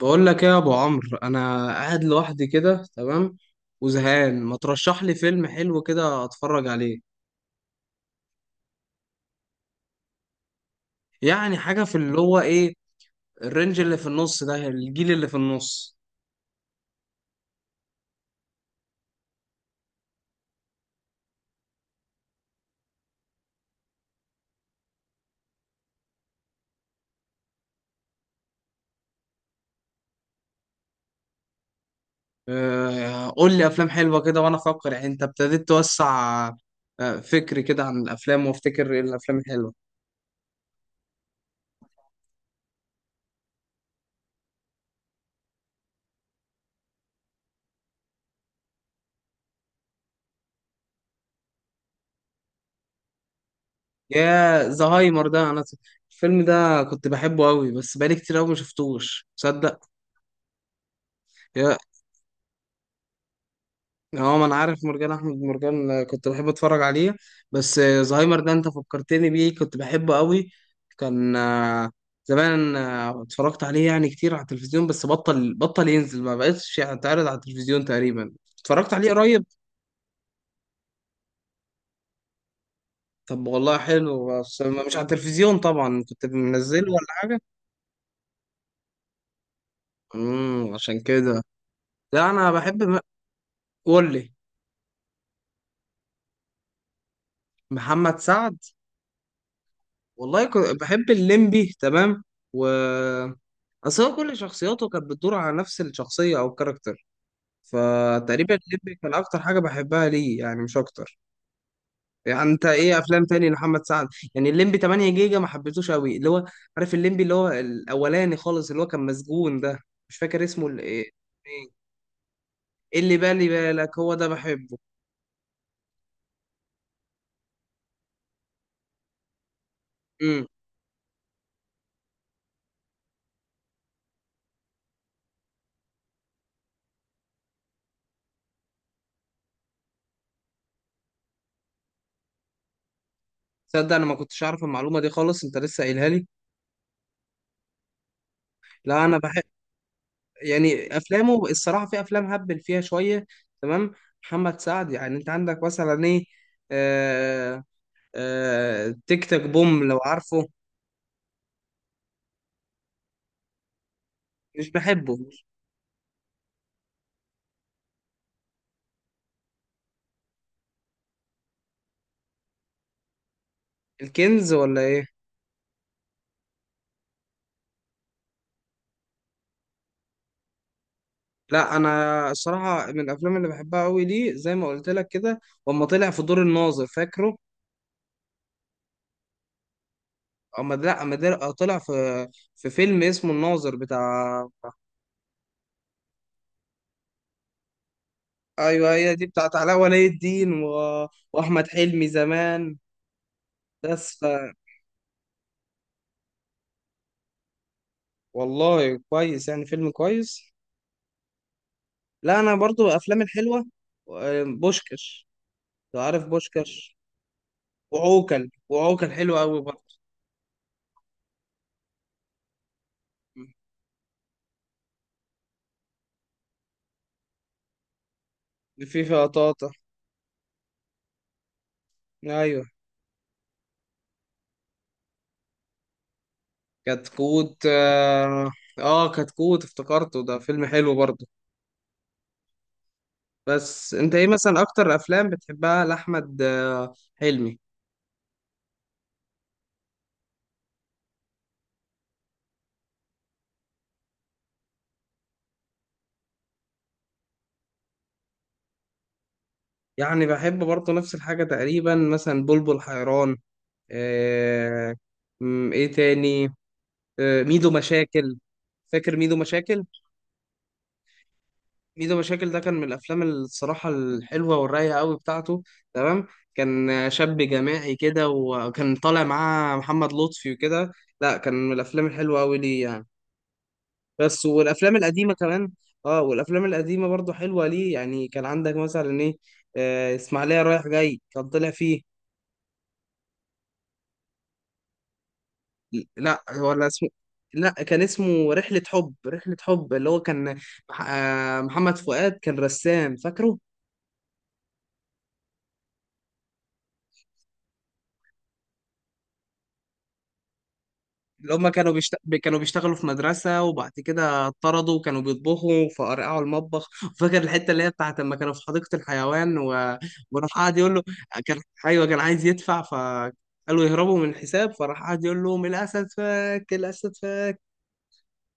بقول لك ايه يا ابو عمرو؟ انا قاعد لوحدي كده، تمام، وزهقان. ما ترشح لي فيلم حلو كده اتفرج عليه؟ يعني حاجه في اللي هو ايه، الرينج اللي في النص ده، الجيل اللي في النص. قول لي افلام حلوه كده وانا افكر. يعني انت ابتديت توسع، فكري كده عن الافلام وافتكر إيه الافلام الحلوه. يا زهايمر ده انا الفيلم ده كنت بحبه قوي، بس بقالي كتير قوي ما شفتوش، تصدق. اه، ما انا عارف مرجان احمد مرجان، كنت بحب اتفرج عليه. بس زهايمر ده انت فكرتني بيه، كنت بحبه قوي. كان زمان اتفرجت عليه يعني كتير على التلفزيون، بس بطل ينزل، ما بقتش يتعرض على التلفزيون تقريبا. اتفرجت عليه قريب. طب والله حلو، بس مش على التلفزيون طبعا، كنت منزله ولا حاجة. عشان كده. لا انا بحب قول لي. محمد سعد، والله كنت بحب الليمبي، تمام. و اصل هو كل شخصياته كانت بتدور على نفس الشخصية او الكاركتر، فتقريبا الليمبي كان اكتر حاجة بحبها ليه، يعني مش اكتر. يعني انت ايه افلام تاني لمحمد سعد؟ يعني الليمبي 8 جيجا ما حبيتوش قوي، اللي هو عارف الليمبي اللي هو الاولاني خالص، اللي هو كان مسجون ده، مش فاكر اسمه، ايه، إيه؟ اللي بالي بالك، هو ده بحبه. امم. تصدق انا ما كنتش عارف المعلومة دي خالص، انت لسه قايلها لي. لا انا بحب، يعني افلامه الصراحه في افلام هبل فيها شويه. تمام. محمد سعد يعني انت عندك مثلا ايه؟ آه تيك تاك بوم لو عارفه. مش بحبه. الكنز ولا ايه؟ لا انا الصراحه من الافلام اللي بحبها قوي ليه، زي ما قلت لك كده، اما طلع في دور الناظر، فاكره؟ اما لا، اما طلع في في فيلم اسمه الناظر بتاع. ايوه، هي دي بتاعت علاء ولي الدين و... واحمد حلمي زمان. بس والله كويس، يعني فيلم كويس. لا انا برضو افلام الحلوه، بوشكش، لو عارف بوشكش. وعوكل حلو قوي برضو. في فيها طاطا. ايوه، كتكوت، اه. كتكوت افتكرته، ده فيلم حلو برضو. بس انت ايه مثلا اكتر افلام بتحبها لاحمد حلمي؟ يعني بحب برضو نفس الحاجه تقريبا، مثلا بلبل حيران، آه، م، ايه تاني، ميدو مشاكل. فاكر ميدو مشاكل؟ ميدو مشاكل ده كان من الافلام الصراحه الحلوه والرايقه قوي بتاعته. تمام. كان شاب جماعي كده، وكان طالع معاه محمد لطفي وكده. لا، كان من الافلام الحلوه قوي ليه يعني. بس والافلام القديمه كمان. اه، والافلام القديمه برضو حلوه ليه يعني. كان عندك مثلا ايه؟ اسماعيليه رايح جاي كان طلع فيه. لا، ولا اسمه. لا، كان اسمه رحلة حب. رحلة حب، اللي هو كان محمد فؤاد كان رسام، فاكره؟ اللي هم كانوا كانوا بيشتغلوا في مدرسة، وبعد كده اتطردوا، وكانوا بيطبخوا فقرقعوا المطبخ. فاكر الحتة اللي هي بتاعت لما كانوا في حديقة الحيوان و... وراح قاعد يقول له، كان ايوه كان عايز يدفع فقالوا يهربوا من الحساب، فراح قاعد يقول لهم الأسد فك، الأسد فك.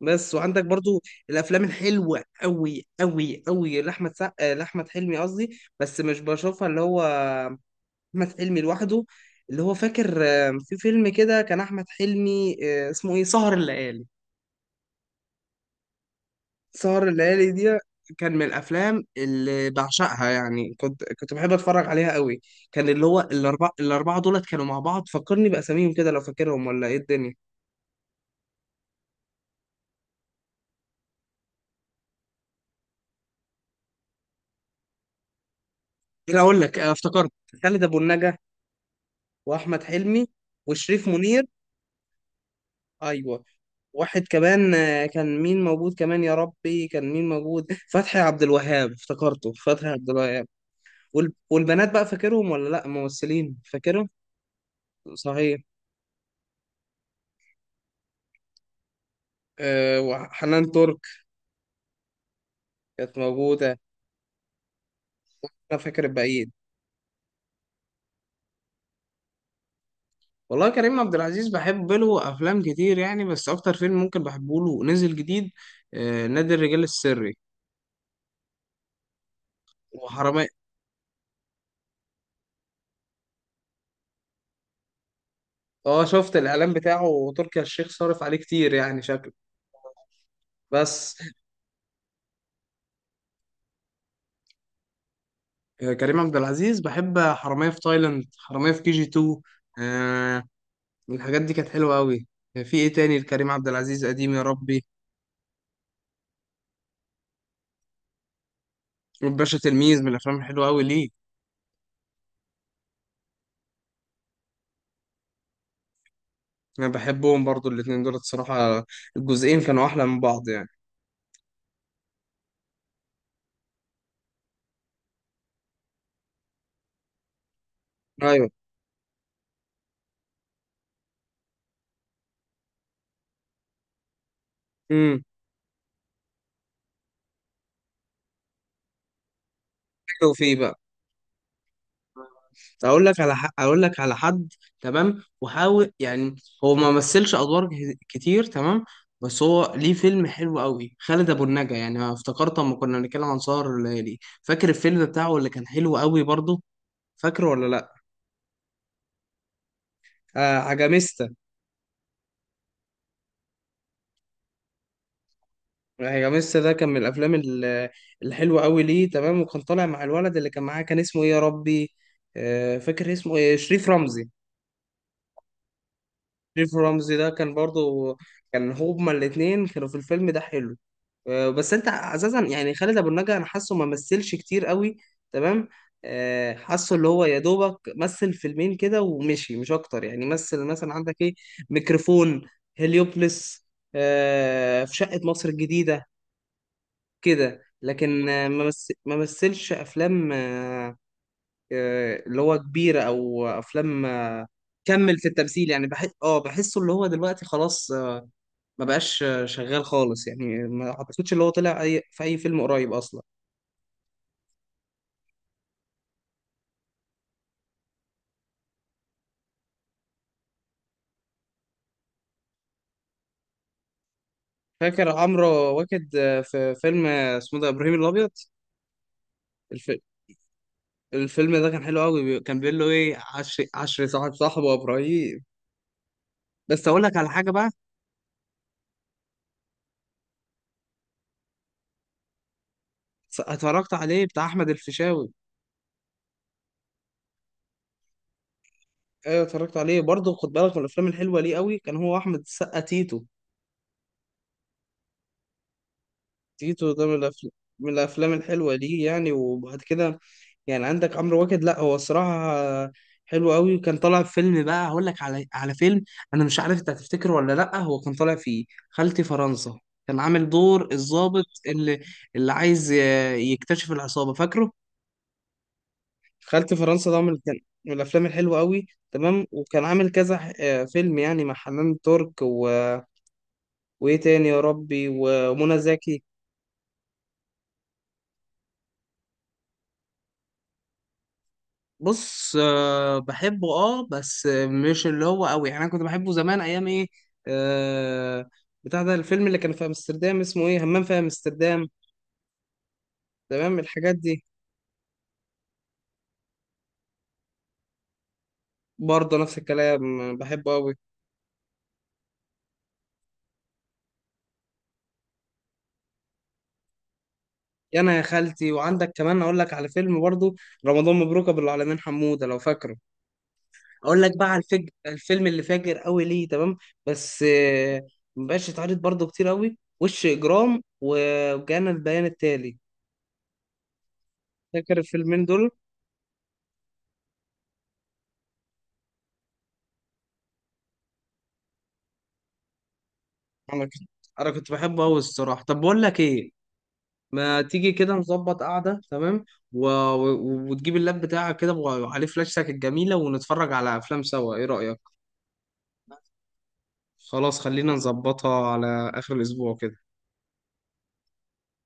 بس. وعندك برضو الافلام الحلوه قوي قوي قوي لاحمد حلمي قصدي، بس مش بشوفها، اللي هو احمد حلمي لوحده، اللي هو فاكر في فيلم كده كان احمد حلمي، اسمه ايه، سهر الليالي. سهر الليالي دي كان من الافلام اللي بعشقها، يعني كنت بحب اتفرج عليها قوي. كان اللي هو الاربعه دولت كانوا مع بعض، فكرني باساميهم كده لو فاكرهم، ولا ايه الدنيا. ايه اقول لك، افتكرت، خالد ابو النجا، واحمد حلمي، وشريف منير، ايوه، واحد كمان كان مين موجود كمان، يا ربي كان مين موجود؟ فتحي عبد الوهاب، افتكرته فتحي عبد الوهاب. والبنات بقى فاكرهم ولا لا، ممثلين فاكرهم. صحيح، أه، وحنان ترك كانت موجودة. أنا فاكر الباقيين. والله كريم عبد العزيز بحب له أفلام كتير يعني، بس أكتر فيلم ممكن بحبه له نزل جديد أه نادي الرجال السري، وحرامية. اه، شفت الإعلان بتاعه، وتركي آل الشيخ صارف عليه كتير، يعني شكله. بس كريم عبد العزيز بحب حرامية في تايلاند، حرامية في كي جي 2. آه، الحاجات دي كانت حلوة أوي. في إيه تاني لكريم عبد العزيز قديم يا ربي؟ باشا تلميذ من الافلام الحلوه قوي ليه. انا بحبهم برضو الاثنين دول الصراحه، الجزئين كانوا احلى من بعض يعني. ايوه. امم، حلو فيه بقى. اقول لك على اقول لك على حد، تمام، وحاول يعني، هو ما مثلش ادوار كتير، تمام، بس هو ليه فيلم حلو قوي، خالد ابو النجا. يعني أنا افتكرت اما كنا بنتكلم عن سهر الليالي، فاكر الفيلم بتاعه اللي كان حلو قوي برضه؟ فاكره ولا لا؟ آه، عجميستا. هي ميسا ده كان من الافلام الحلوه قوي ليه، تمام. وكان طالع مع الولد اللي كان معاه، كان اسمه ايه يا ربي، فاكر اسمه ايه، شريف رمزي. شريف رمزي ده كان برضو، كان هما الاتنين كانوا في الفيلم ده حلو. بس انت اساسا يعني خالد ابو النجا انا حاسه ما مثلش كتير قوي، تمام. حاسه اللي هو يا دوبك مثل فيلمين كده ومشي، مش اكتر. يعني مثل مثلا عندك ايه، ميكروفون، هليوبلس، في شقة مصر الجديدة، كده، لكن ما مثلش افلام اللي هو كبيره، او افلام كمل في التمثيل يعني. بحس، بحسه اللي هو دلوقتي خلاص، ما بقاش شغال خالص يعني، ما اعتقدش اللي هو طلع اي في فيلم قريب اصلا. فاكر عمرو واكد في فيلم اسمه ده ابراهيم الابيض. الف... الفيلم ده كان حلو قوي. كان بيقول له ايه، عشر عشر صاحب صاحبه يا ابراهيم. بس اقول لك على حاجه بقى. اتفرجت عليه، بتاع احمد الفيشاوي. ايوه، اتفرجت عليه برضه. خد بالك من الافلام الحلوه ليه قوي كان هو احمد السقا، تيتو. تيتو ده من الافلام الحلوه ليه يعني. وبعد كده يعني عندك عمرو واكد، لا هو الصراحه حلو قوي. وكان طالع في فيلم بقى، هقول لك على فيلم، انا مش عارف انت هتفتكره ولا لا. هو كان طالع فيه خالتي فرنسا، كان عامل دور الضابط اللي اللي عايز يكتشف العصابه، فاكره؟ خالتي فرنسا ده من كان من الافلام الحلوه قوي، تمام. وكان عامل كذا فيلم يعني مع حنان ترك و وايه تاني يا ربي، ومنى زكي. بص، بحبه اه، بس مش اللي هو قوي يعني، انا كنت بحبه زمان، ايام ايه، آه بتاع ده الفيلم اللي كان في امستردام اسمه ايه، همام في امستردام، تمام، الحاجات دي. برضه نفس الكلام، بحبه قوي. يا انا يا خالتي، وعندك كمان اقول لك على فيلم برضه، رمضان مبروك ابو العالمين حمودة، لو فاكره. اقول لك بقى على الفيلم اللي فاجر قوي ليه، تمام، بس مبقاش يتعرض برضه كتير قوي، وش اجرام، وجانا البيان التالي، فاكر الفيلمين دول؟ انا كنت انا كنت بحبه قوي الصراحه. طب بقول لك ايه، ما تيجي كده نظبط قعده، تمام، وتجيب اللاب بتاعك كده، وعليه فلاشتك الجميله، ونتفرج على افلام سوا، ايه رايك؟ خلاص، خلينا نظبطها على اخر الاسبوع كده.